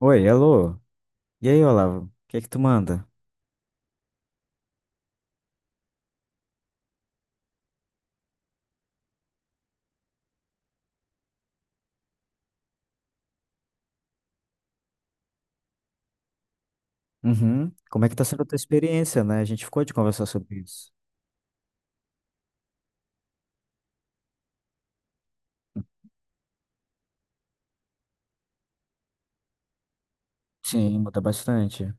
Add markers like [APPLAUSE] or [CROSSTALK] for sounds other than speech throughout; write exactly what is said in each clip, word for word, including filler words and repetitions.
Oi, alô. E aí, Olavo? O que é que tu manda? Uhum. Como é que tá sendo a tua experiência, né? A gente ficou de conversar sobre isso. Sim, muda bastante.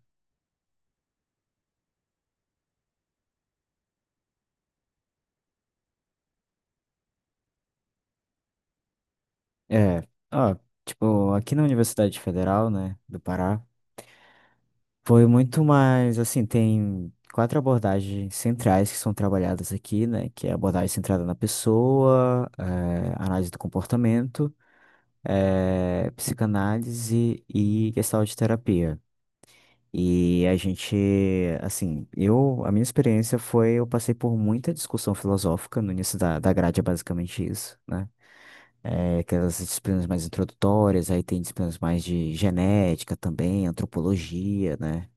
É, ó, tipo, aqui na Universidade Federal, né, do Pará, foi muito mais, assim, tem quatro abordagens centrais que são trabalhadas aqui, né, que é a abordagem centrada na pessoa, eh, análise do comportamento, eh, psicanálise e gestalt terapia. E a gente, assim, eu, a minha experiência foi, eu passei por muita discussão filosófica no início da, da grade, é basicamente isso, né? É, aquelas disciplinas mais introdutórias, aí tem disciplinas mais de genética também, antropologia, né?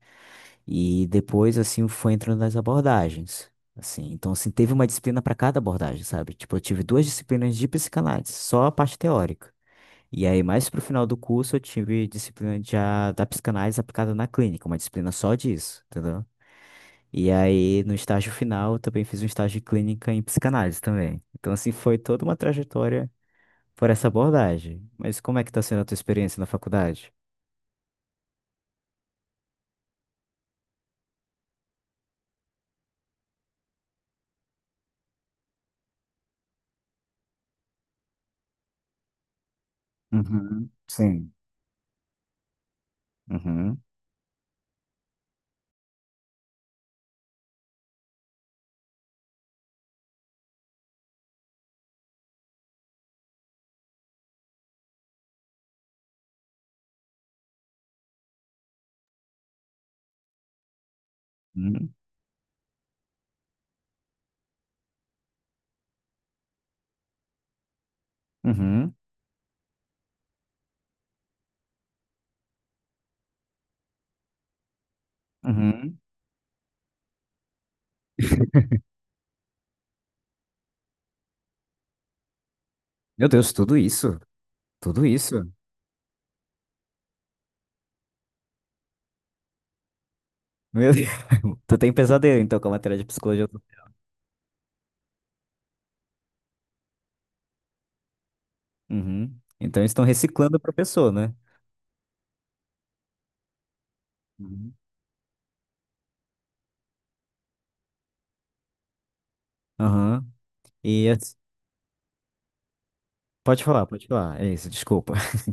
E depois, assim, foi entrando nas abordagens, assim. Então, assim, teve uma disciplina para cada abordagem, sabe? Tipo, eu tive duas disciplinas de psicanálise, só a parte teórica. E aí, mais pro final do curso, eu tive disciplina de, a- da psicanálise aplicada na clínica, uma disciplina só disso, entendeu? E aí, no estágio final, eu também fiz um estágio de clínica em psicanálise também. Então, assim, foi toda uma trajetória por essa abordagem. Mas como é que tá sendo a tua experiência na faculdade? Uhum, sim. Uhum, uhum, uhum, uhum. Meu Deus, tudo isso? Tudo isso? Meu Deus. [LAUGHS] Tu tem pesadelo, então, com a matéria de psicologia. Uhum. Então, eles estão reciclando o professor, né? Uhum. Aham. E as- pode falar, pode falar. É isso, desculpa. [LAUGHS]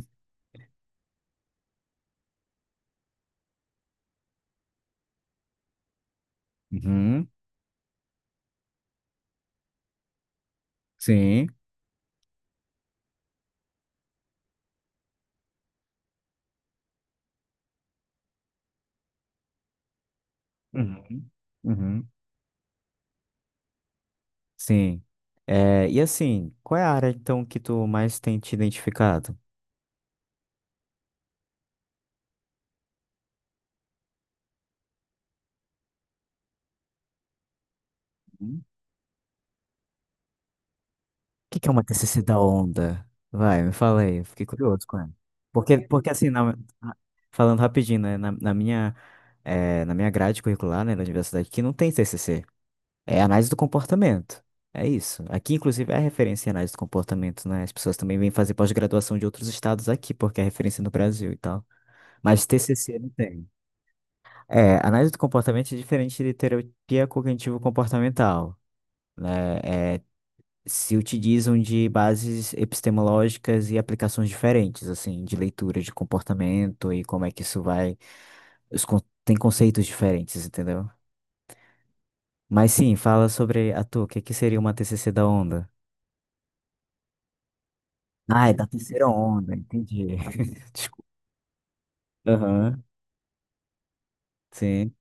Uhum, sim. Uhum, uhum, sim. É, e assim, qual é a área então que tu mais tem te identificado? Uhum. O que que é uma T C C da onda? Vai, me fala aí, eu fiquei curioso com ela. Porque, porque assim, na- na- falando rapidinho, né, na, na minha, eh, na minha grade curricular, né, da universidade, que não tem T C C. É análise do comportamento. É isso. Aqui, inclusive, é a referência em análise do comportamento, né? As pessoas também vêm fazer pós-graduação de outros estados aqui, porque é referência no Brasil e tal. Mas T C C não tem. É, análise do comportamento é diferente de terapia cognitivo-comportamental, né? É, se utilizam de bases epistemológicas e aplicações diferentes, assim, de leitura de comportamento e como é que isso vai. os con- Tem conceitos diferentes, entendeu? Mas sim, fala sobre a tua, o que que seria uma T C C da onda? Ah, é da terceira onda, entendi. [LAUGHS] Desculpa. Aham, sim.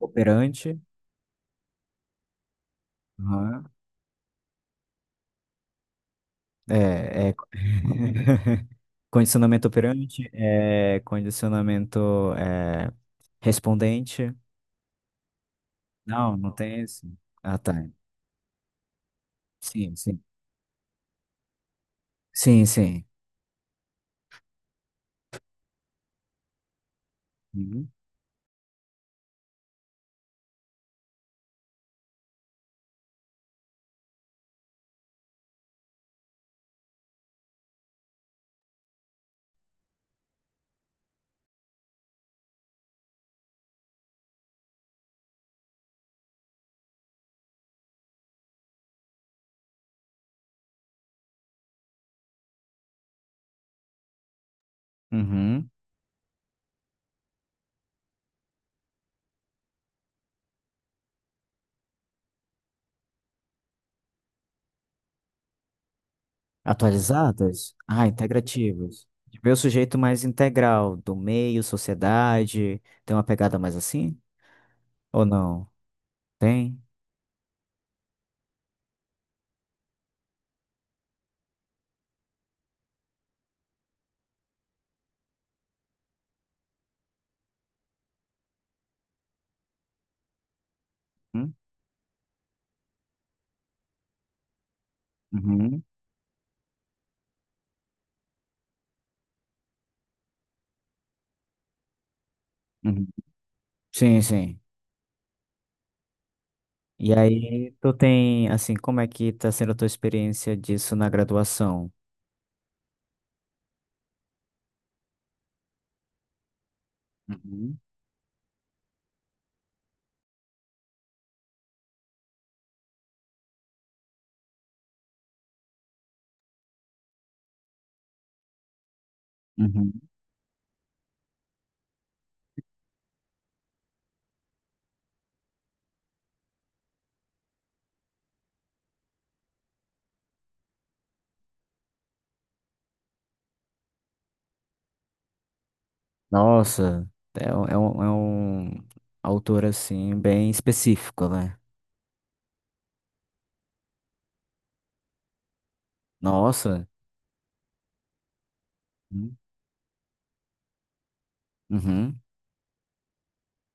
Operante. Aham. É, é. [LAUGHS] Condicionamento operante, é, condicionamento é, respondente. Não, não tem esse. Ah, tá. Sim, sim. Sim, sim. Uhum. Uhum. Atualizadas? Ah, integrativas. De ver o sujeito mais integral, do meio, sociedade. Tem uma pegada mais assim? Ou não? Tem? Hum? Uhum. Uhum. Sim, sim. E aí, tu tem, assim, como é que tá sendo a tua experiência disso na graduação? Uhum. Uhum. Nossa, é, um- é um, é um autor, assim, bem específico, né? Nossa. Uhum. Uhum,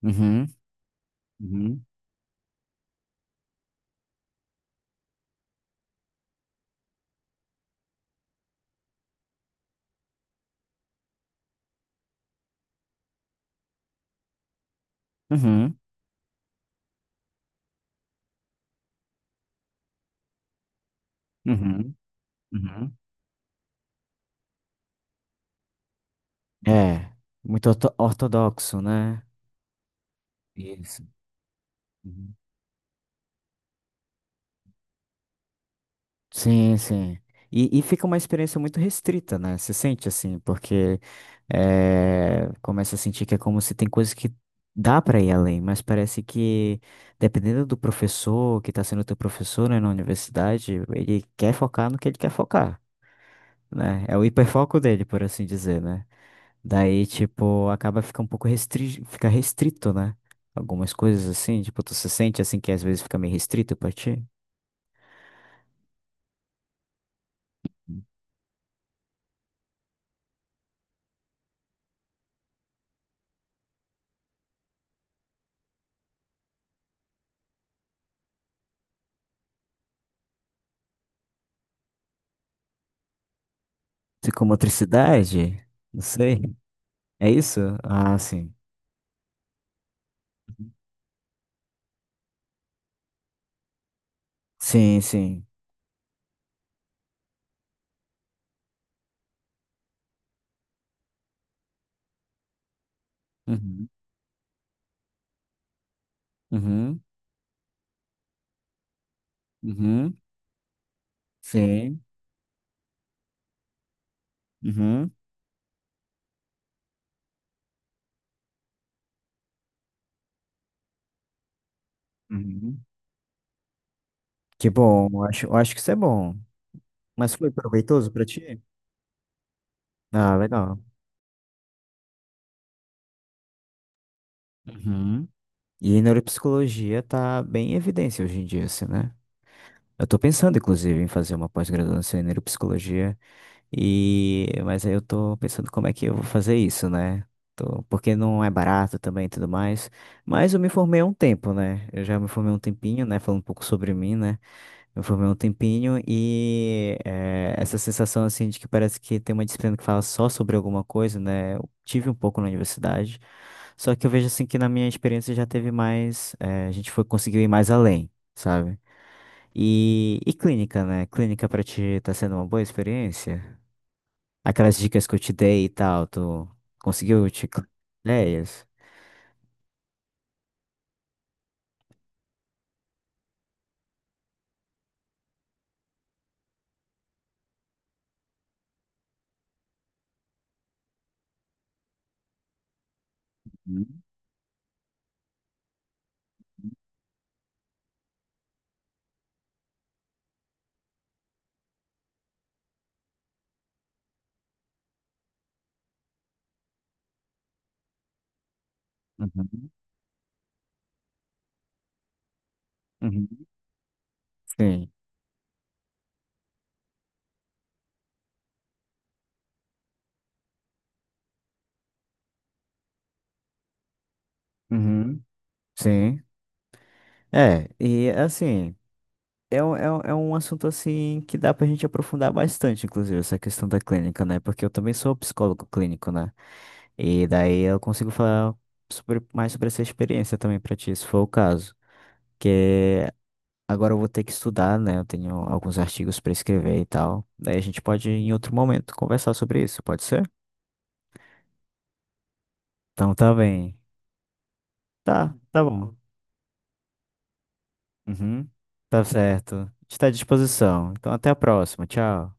uhum, Uhum. uhum, uhum. Uhum. É, muito orto- ortodoxo, né? Isso. Sim, sim. E, e fica uma experiência muito restrita, né? Você sente assim, porque eh, começa a sentir que é como se tem coisas que dá para ir além, mas parece que, dependendo do professor que está sendo teu professor, né, na universidade, ele quer focar no que ele quer focar, né? É o hiperfoco dele, por assim dizer, né? Daí, tipo, acaba fica um pouco restri... fica restrito, né? Algumas coisas assim, tipo, tu se sente assim que às vezes fica meio restrito pra ti? Psicomotricidade? Não sei. É isso? Ah, sim. Uhum. Sim, sim. Uhum, uhum, uhum, sim, uhum, uhum. Que bom, eu acho, eu acho que isso é bom. Mas foi proveitoso pra ti? Ah, legal. Uhum. E neuropsicologia tá bem em evidência hoje em dia, assim, né? Eu tô pensando, inclusive, em fazer uma pós-graduação em neuropsicologia. E, mas aí eu tô pensando como é que eu vou fazer isso, né? Tô- porque não é barato também e tudo mais. Mas eu me formei há um tempo, né? Eu já me formei há um tempinho, né? Falando um pouco sobre mim, né? Me formei há um tempinho e eh, essa sensação, assim, de que parece que tem uma disciplina que fala só sobre alguma coisa, né? Eu tive um pouco na universidade. Só que eu vejo, assim, que na minha experiência já teve mais. Eh, a gente foi, conseguiu ir mais além, sabe? E, e clínica, né? Clínica pra ti tá sendo uma boa experiência? Aquelas dicas que eu te dei e tal, tu conseguiu te ideias? Uhum, uhum, uhum. Sim. Uhum. Sim. É, e assim, é um, é um, é um assunto assim que dá pra gente aprofundar bastante, inclusive, essa questão da clínica, né? Porque eu também sou psicólogo clínico, né? E daí eu consigo falar sobre, mais sobre essa experiência também pra ti, se for o caso. Que Agora eu vou ter que estudar, né? Eu tenho alguns artigos para escrever e tal. Daí a gente pode, em outro momento, conversar sobre isso, pode ser? Então tá bem. Tá, tá bom. Uhum. Tá certo. Está à disposição. Então até a próxima. Tchau.